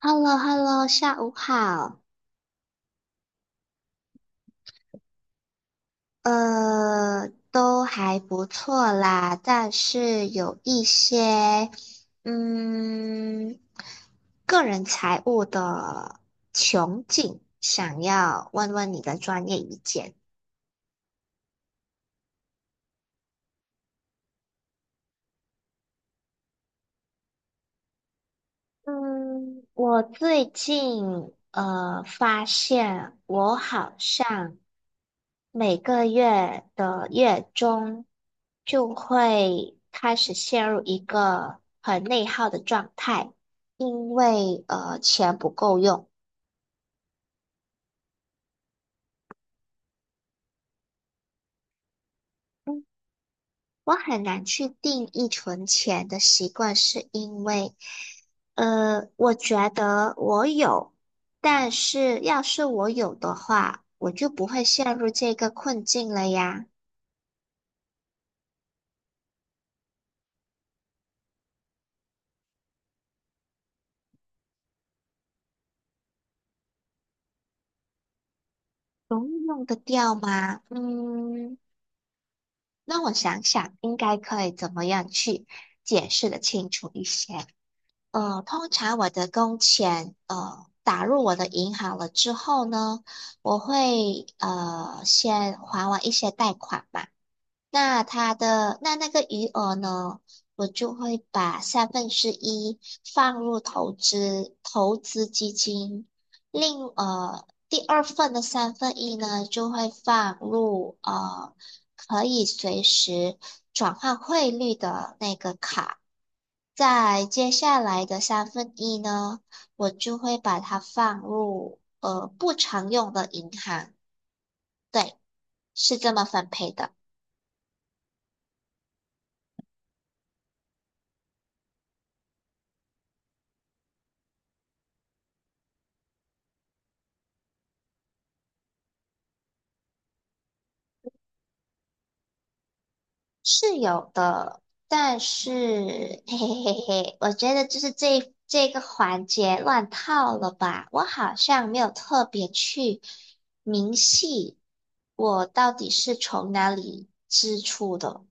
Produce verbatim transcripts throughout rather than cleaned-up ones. h e l l o h e l l o 下午好。呃，都还不错啦，但是有一些，嗯，个人财务的窘境，想要问问你的专业意见。嗯，我最近呃发现我好像。每个月的月中就会开始陷入一个很内耗的状态，因为呃钱不够用。嗯，我很难去定义存钱的习惯，是因为呃，我觉得我有，但是要是我有的话，我就不会陷入这个困境了呀。容易用得掉吗？嗯。那我想想，应该可以怎么样去解释的清楚一些？呃，通常我的工钱呃打入我的银行了之后呢，我会呃先还完一些贷款嘛，那它的那那个余额呢，我就会把三分之一放入投资投资基金，另呃第二份的三分一呢就会放入呃可以随时转换汇率的那个卡，在接下来的三分一呢，我就会把它放入呃不常用的银行，对，是这么分配的。是有的，但是嘿嘿嘿嘿，我觉得就是这这个环节乱套了吧？我好像没有特别去明细，我到底是从哪里支出的？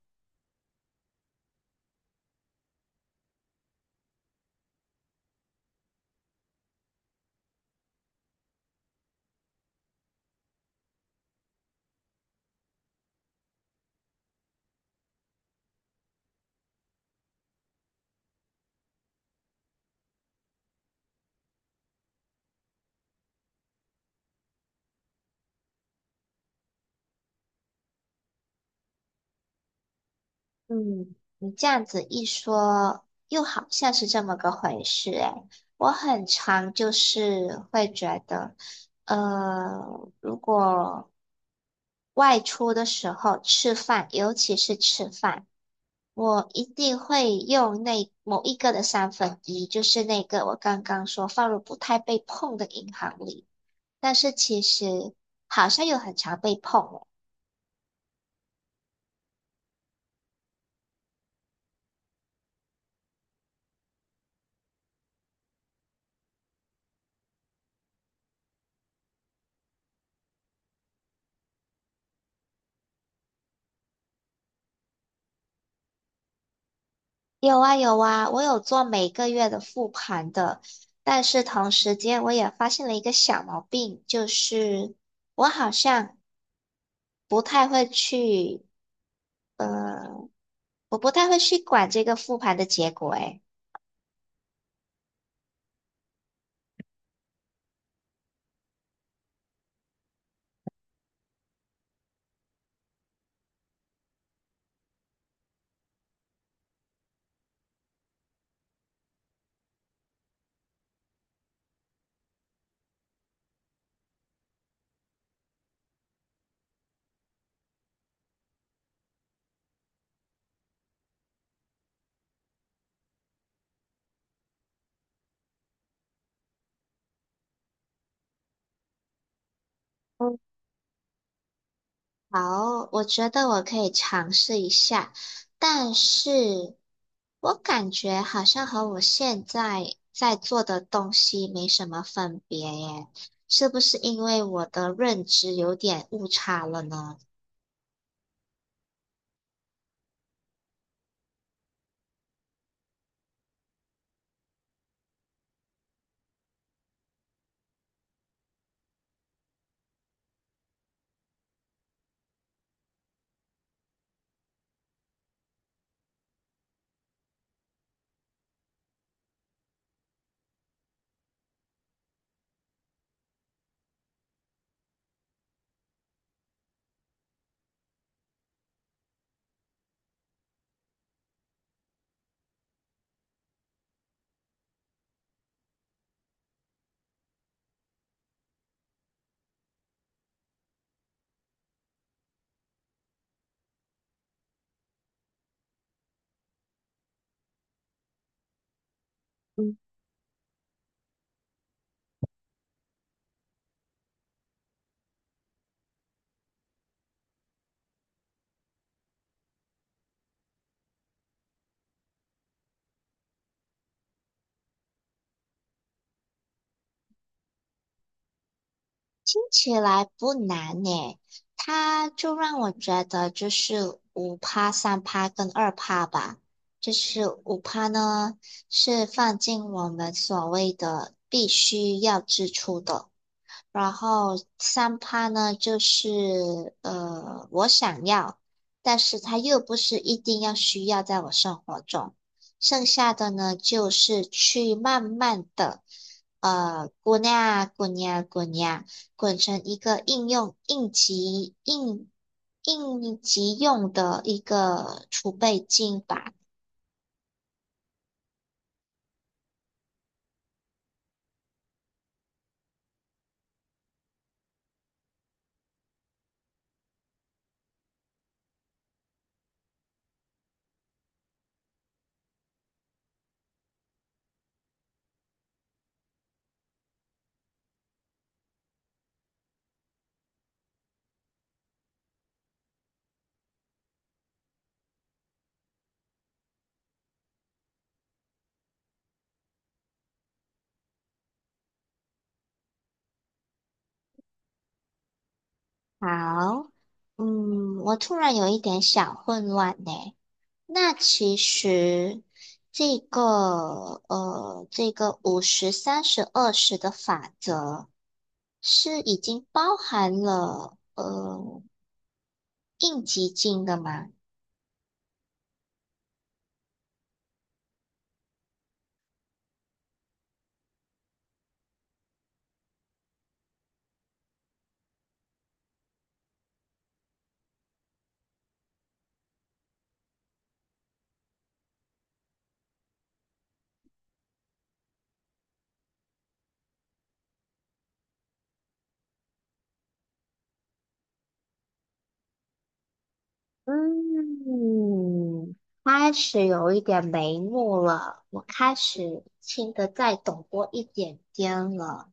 嗯，你这样子一说，又好像是这么个回事诶。我很常就是会觉得，呃，如果外出的时候吃饭，尤其是吃饭。我一定会用那某一个的三分一，就是那个我刚刚说放入不太被碰的银行里。但是其实好像又很常被碰哦。有啊有啊，我有做每个月的复盘的，但是同时间我也发现了一个小毛病，就是我好像不太会去，我不太会去管这个复盘的结果诶。好，我觉得我可以尝试一下，但是我感觉好像和我现在在做的东西没什么分别耶，是不是因为我的认知有点误差了呢？听起来不难耶，它就让我觉得就是五趴、三趴跟二趴吧，就是五趴呢是放进我们所谓的必须要支出的。然后三趴呢，就是呃，我想要，但是它又不是一定要需要在我生活中。剩下的呢，就是去慢慢的，呃，滚呀滚呀滚呀，滚成一个应用应急应应急用的一个储备金吧。好，嗯，我突然有一点小混乱呢。那其实这个呃，这个五十、三十、二十的法则是已经包含了呃应急金的吗？嗯，开始有一点眉目了，我开始听得再懂多一点点了。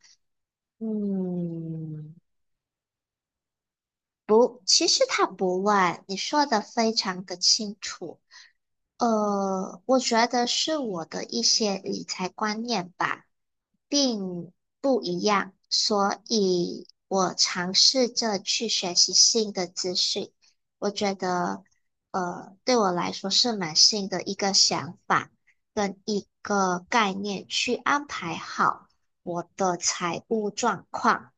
嗯，不，其实它不乱，你说的非常的清楚。呃，我觉得是我的一些理财观念吧，并不一样，所以我尝试着去学习新的资讯。我觉得，呃，对我来说是蛮新的一个想法跟一个概念，去安排好我的财务状况。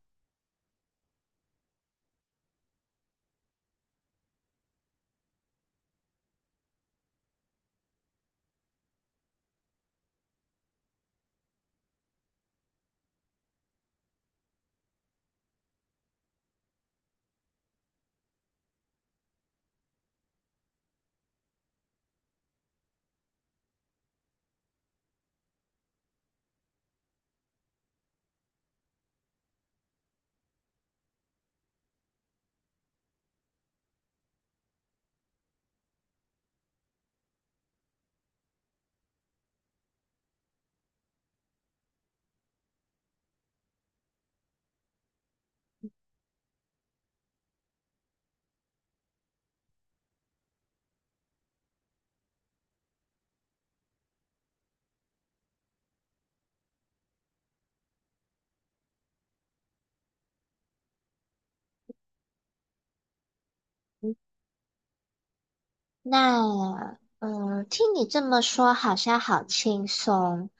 那，嗯，听你这么说，好像好轻松。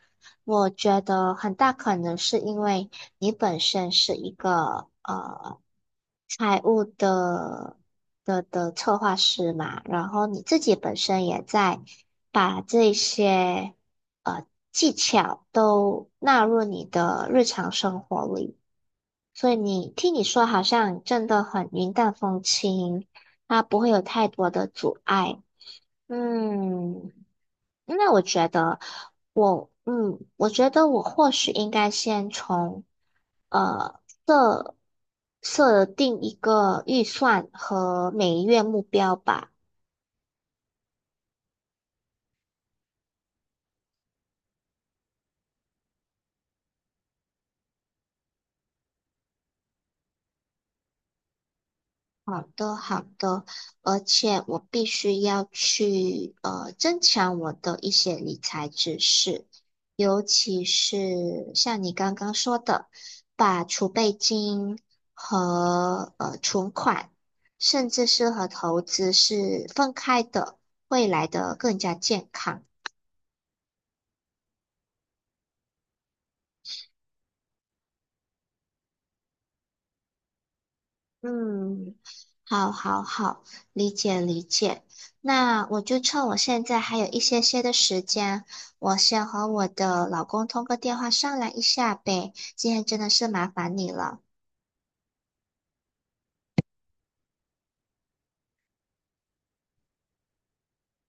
我觉得很大可能是因为你本身是一个呃财务的的的策划师嘛，然后你自己本身也在把这些呃技巧都纳入你的日常生活里，所以你听你说，好像真的很云淡风轻，它不会有太多的阻碍。嗯，那我觉得我，嗯，我觉得我或许应该先从呃设设定一个预算和每月目标吧。好的，好的，而且我必须要去呃增强我的一些理财知识，尤其是像你刚刚说的，把储备金和呃存款，甚至是和投资是分开的，未来的更加健康。嗯，好，好，好，理解，理解。那我就趁我现在还有一些些的时间，我先和我的老公通个电话商量一下呗。今天真的是麻烦你了。